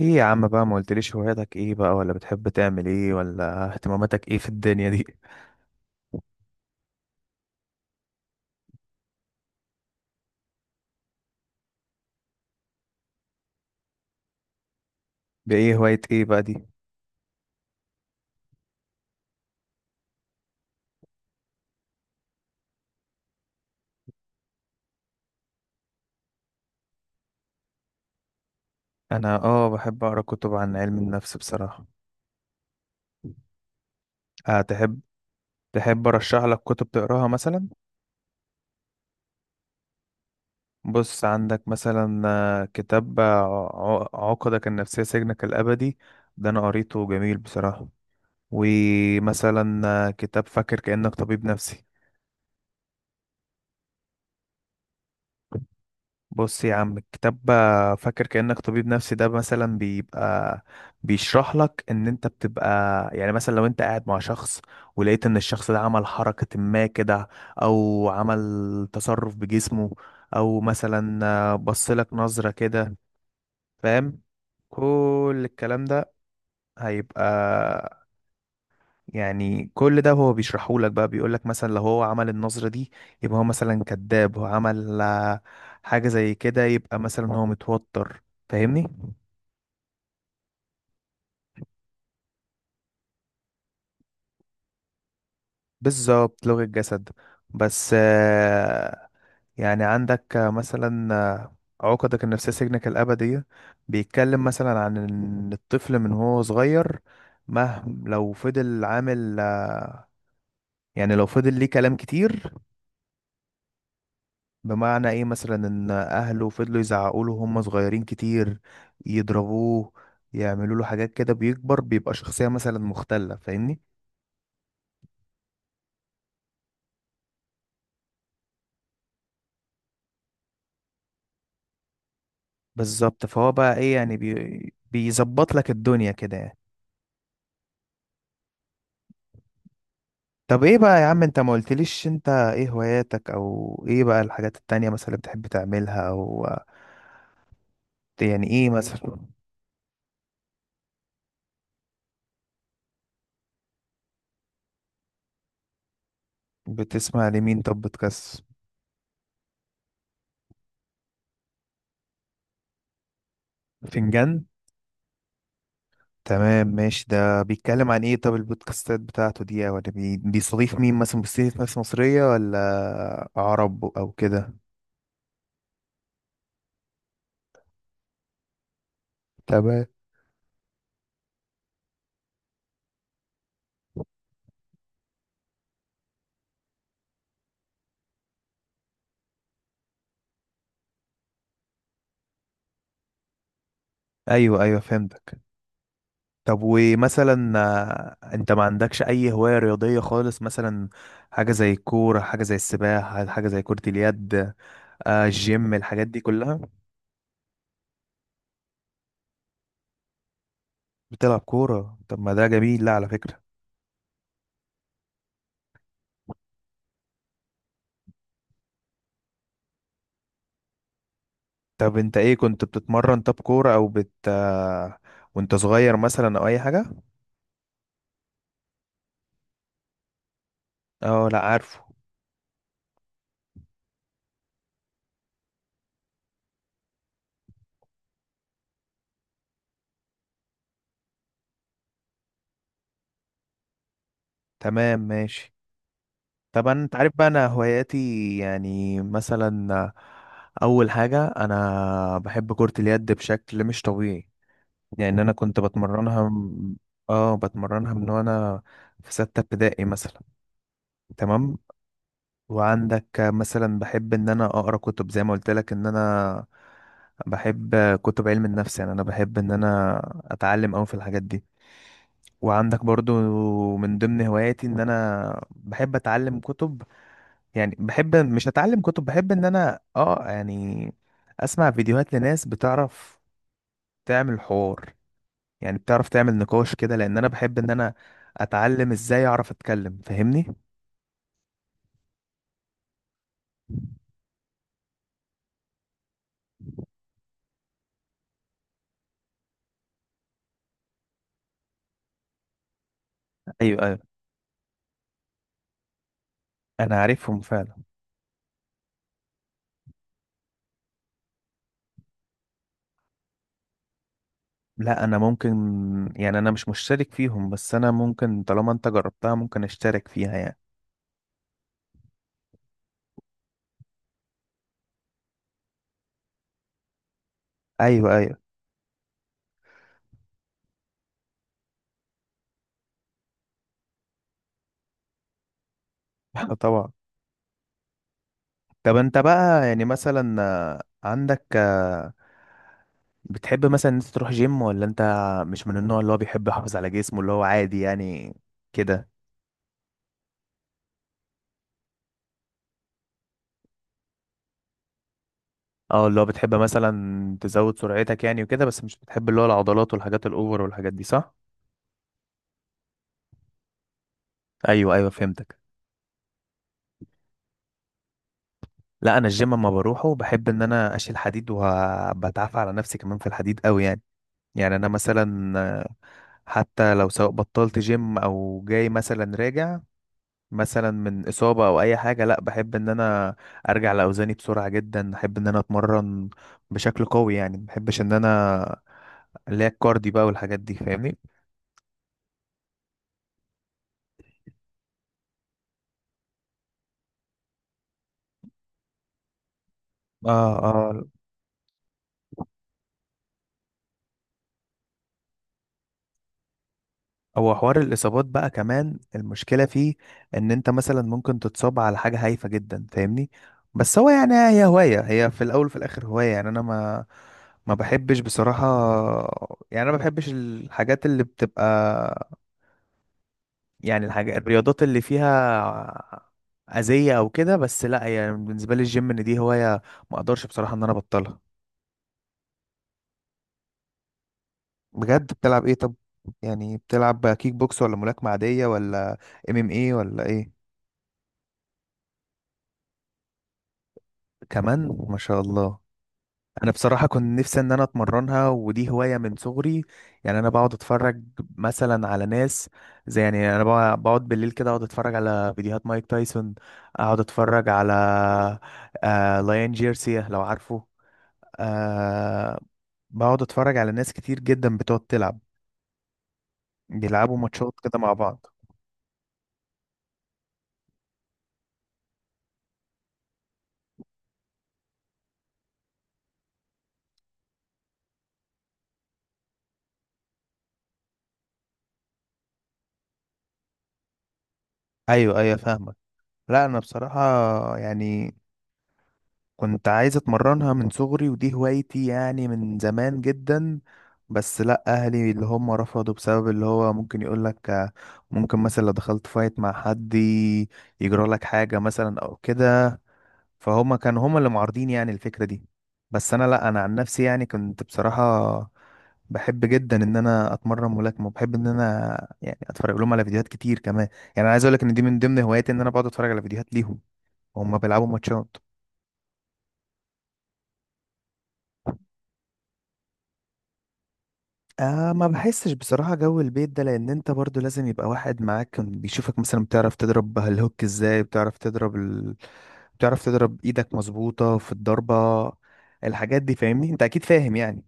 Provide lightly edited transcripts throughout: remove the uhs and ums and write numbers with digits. ايه يا عم بقى، ما قلتليش هواياتك ايه بقى، ولا بتحب تعمل ايه، ولا اهتماماتك ايه في الدنيا دي؟ بايه؟ هواية ايه بقى دي؟ انا بحب اقرا كتب عن علم النفس بصراحة. أه تحب؟ تحب ارشح لك كتب تقراها مثلا؟ بص، عندك مثلا كتاب عقدك النفسية سجنك الأبدي. ده أنا قريته، جميل بصراحة. ومثلا كتاب فاكر كأنك طبيب نفسي. بص يا عم، كتاب فاكر كأنك طبيب نفسي ده مثلا بيبقى بيشرح لك ان انت بتبقى، يعني مثلا لو انت قاعد مع شخص ولقيت ان الشخص ده عمل حركة ما كده، او عمل تصرف بجسمه، او مثلا بص لك نظرة كده، فاهم؟ كل الكلام ده هيبقى، يعني كل ده هو بيشرحه لك بقى، بيقول لك مثلا لو هو عمل النظرة دي يبقى هو مثلا كذاب، هو عمل حاجة زي كده يبقى مثلا هو متوتر، فاهمني؟ بالظبط، لغة جسد. بس يعني عندك مثلا عقدك النفسية سجنك الأبدية بيتكلم مثلا عن إن الطفل من هو صغير، مهما لو فضل عامل يعني لو فضل ليه كلام كتير، بمعنى ايه مثلا، ان اهله فضلوا يزعقوا له هم صغيرين كتير، يضربوه، يعملوا له حاجات كده، بيكبر بيبقى شخصية مثلا مختلة، فاهمني؟ بالظبط. فهو بقى ايه يعني بيظبط لك الدنيا كده يعني. طب ايه بقى يا عم، انت ما قلتليش انت ايه هواياتك، او ايه بقى الحاجات التانية مثلا اللي بتحب تعملها، او يعني ايه مثلا؟ بتسمع لمين؟ طب بتكس فنجان. تمام، ماشي. ده بيتكلم عن ايه طب؟ البودكاستات بتاعته دي ولا بيستضيف مين مثلا؟ بيستضيف ناس مصرية ولا عرب او كده؟ تمام. ايوه ايوه فهمتك. طب ومثلا انت ما عندكش اي هواية رياضية خالص مثلا؟ حاجة زي الكورة، حاجة زي السباحة، حاجة زي كرة اليد، آه الجيم، الحاجات دي كلها. بتلعب كورة؟ طب ما ده جميل، لا على فكرة. طب انت ايه كنت بتتمرن؟ طب كورة او بت آه وانت صغير مثلا، او اي حاجة؟ اه لا عارفه. تمام ماشي. طبعا انت عارف بقى انا هواياتي، يعني مثلا اول حاجه انا بحب كره اليد بشكل مش طبيعي، يعني انا كنت بتمرنها اه بتمرنها من وانا في سته ابتدائي مثلا. تمام. وعندك مثلا بحب ان انا اقرا كتب زي ما قلت لك، ان انا بحب كتب علم النفس، يعني انا بحب ان انا اتعلم قوي في الحاجات دي. وعندك برضو من ضمن هواياتي ان انا بحب اتعلم كتب، يعني بحب مش اتعلم كتب، بحب ان انا يعني اسمع فيديوهات لناس بتعرف تعمل حوار، يعني بتعرف تعمل نقاش كده، لان انا بحب ان انا اتعلم ازاي اعرف اتكلم، فاهمني؟ ايوه ايوه، انا عارفهم فعلا. لا انا ممكن، يعني انا مش مشترك فيهم، بس انا ممكن طالما انت جربتها ممكن اشترك فيها يعني. ايوه ايوه. طبعا. طب انت بقى يعني مثلا عندك، بتحب مثلا إن انت تروح جيم، ولا انت مش من النوع اللي هو بيحب يحافظ على جسمه، اللي هو عادي يعني كده؟ اه، اللي هو بتحب مثلا تزود سرعتك يعني وكده، بس مش بتحب اللي هو العضلات والحاجات الاوفر والحاجات دي، صح؟ ايوه ايوه فهمتك. لا انا الجيم اما بروحه بحب ان انا اشيل حديد، وبتعافى على نفسي كمان في الحديد قوي يعني. يعني انا مثلا حتى لو سواء بطلت جيم او جاي مثلا راجع مثلا من اصابه او اي حاجه، لا بحب ان انا ارجع لاوزاني بسرعه جدا، بحب ان انا اتمرن بشكل قوي يعني، ما بحبش ان انا اللي هي الكاردي بقى والحاجات دي، فاهمني؟ اه اه. هو حوار الاصابات بقى كمان المشكله فيه، ان انت مثلا ممكن تتصاب على حاجه هايفه جدا، فاهمني؟ بس هو يعني هي هوايه، هي في الاول وفي الاخر هوايه، يعني انا ما بحبش بصراحه، يعني انا ما بحبش الحاجات اللي بتبقى، يعني الحاجة الرياضات اللي فيها أذية أو كده، بس لأ، يعني بالنسبة لي الجيم إن دي هواية ما أقدرش بصراحة إن أنا أبطلها. بجد؟ بتلعب ايه طب؟ يعني بتلعب كيك بوكس ولا ملاكمة عادية، ولا ام ام ايه ولا ايه؟ كمان، ما شاء الله. أنا بصراحة كنت نفسي إن أنا أتمرنها، ودي هواية من صغري، يعني أنا بقعد أتفرج مثلا على ناس زي، يعني أنا بقعد بالليل كده أقعد أتفرج على فيديوهات مايك تايسون، أقعد أتفرج على آه لايان جيرسيا لو عارفه، آه بقعد اتفرج على ناس كتير جدا بتقعد تلعب، بيلعبوا ماتشات كده مع بعض. ايوه ايوه فاهمك. لا انا بصراحة يعني كنت عايز اتمرنها من صغري، ودي هوايتي يعني من زمان جدا، بس لا اهلي اللي هم رفضوا بسبب اللي هو ممكن يقول لك ممكن مثلا لو دخلت فايت مع حد يجرى لك حاجة مثلا او كده، فهم كانوا هم اللي معارضين يعني الفكرة دي. بس انا لا، انا عن نفسي يعني كنت بصراحة بحب جدا ان انا اتمرن ملاكمه، وبحب ان انا يعني اتفرج لهم على فيديوهات كتير كمان، يعني انا عايز اقول لك ان دي من ضمن هواياتي ان انا بقعد اتفرج على فيديوهات ليهم وهم بيلعبوا ماتشات. آه ما بحسش بصراحه جو البيت ده، لان انت برضو لازم يبقى واحد معاك كان بيشوفك مثلا بتعرف تضرب الهوك ازاي، بتعرف تضرب بتعرف تضرب ايدك مظبوطه في الضربه، الحاجات دي فاهمني، انت اكيد فاهم يعني.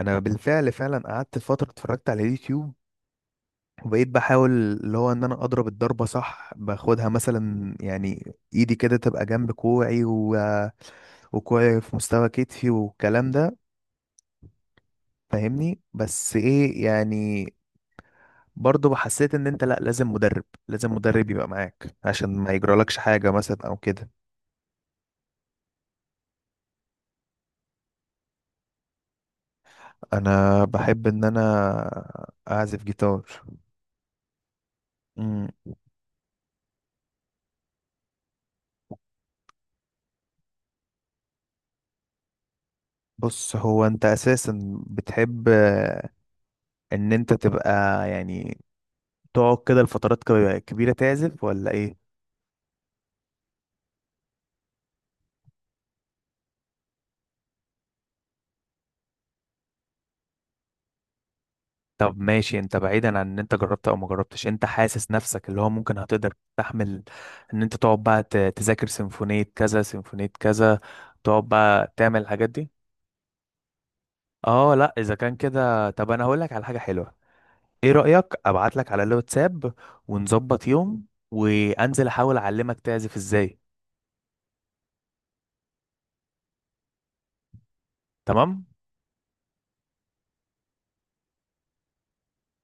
انا بالفعل فعلا قعدت فتره اتفرجت على اليوتيوب، وبقيت بحاول اللي هو ان انا اضرب الضربه صح، باخدها مثلا، يعني ايدي كده تبقى جنب كوعي وكوعي في مستوى كتفي والكلام ده، فاهمني؟ بس ايه يعني برضه حسيت ان انت لا، لازم مدرب، لازم مدرب يبقى معاك عشان ما يجرالكش حاجه مثلا او كده. انا بحب ان انا اعزف جيتار. أمم، بص هو انت اساسا بتحب ان انت تبقى يعني تقعد كده لفترات كبيره تعزف، ولا ايه؟ طب ماشي، انت بعيدا عن ان انت جربت او ما جربتش، انت حاسس نفسك اللي هو ممكن هتقدر تستحمل ان انت تقعد بقى تذاكر سيمفونية كذا، سيمفونية كذا، تقعد بقى تعمل الحاجات دي؟ اه لا، اذا كان كده طب انا هقول لك على حاجة حلوة. ايه رأيك ابعت لك على الواتساب، ونظبط يوم وانزل احاول اعلمك تعزف ازاي؟ تمام.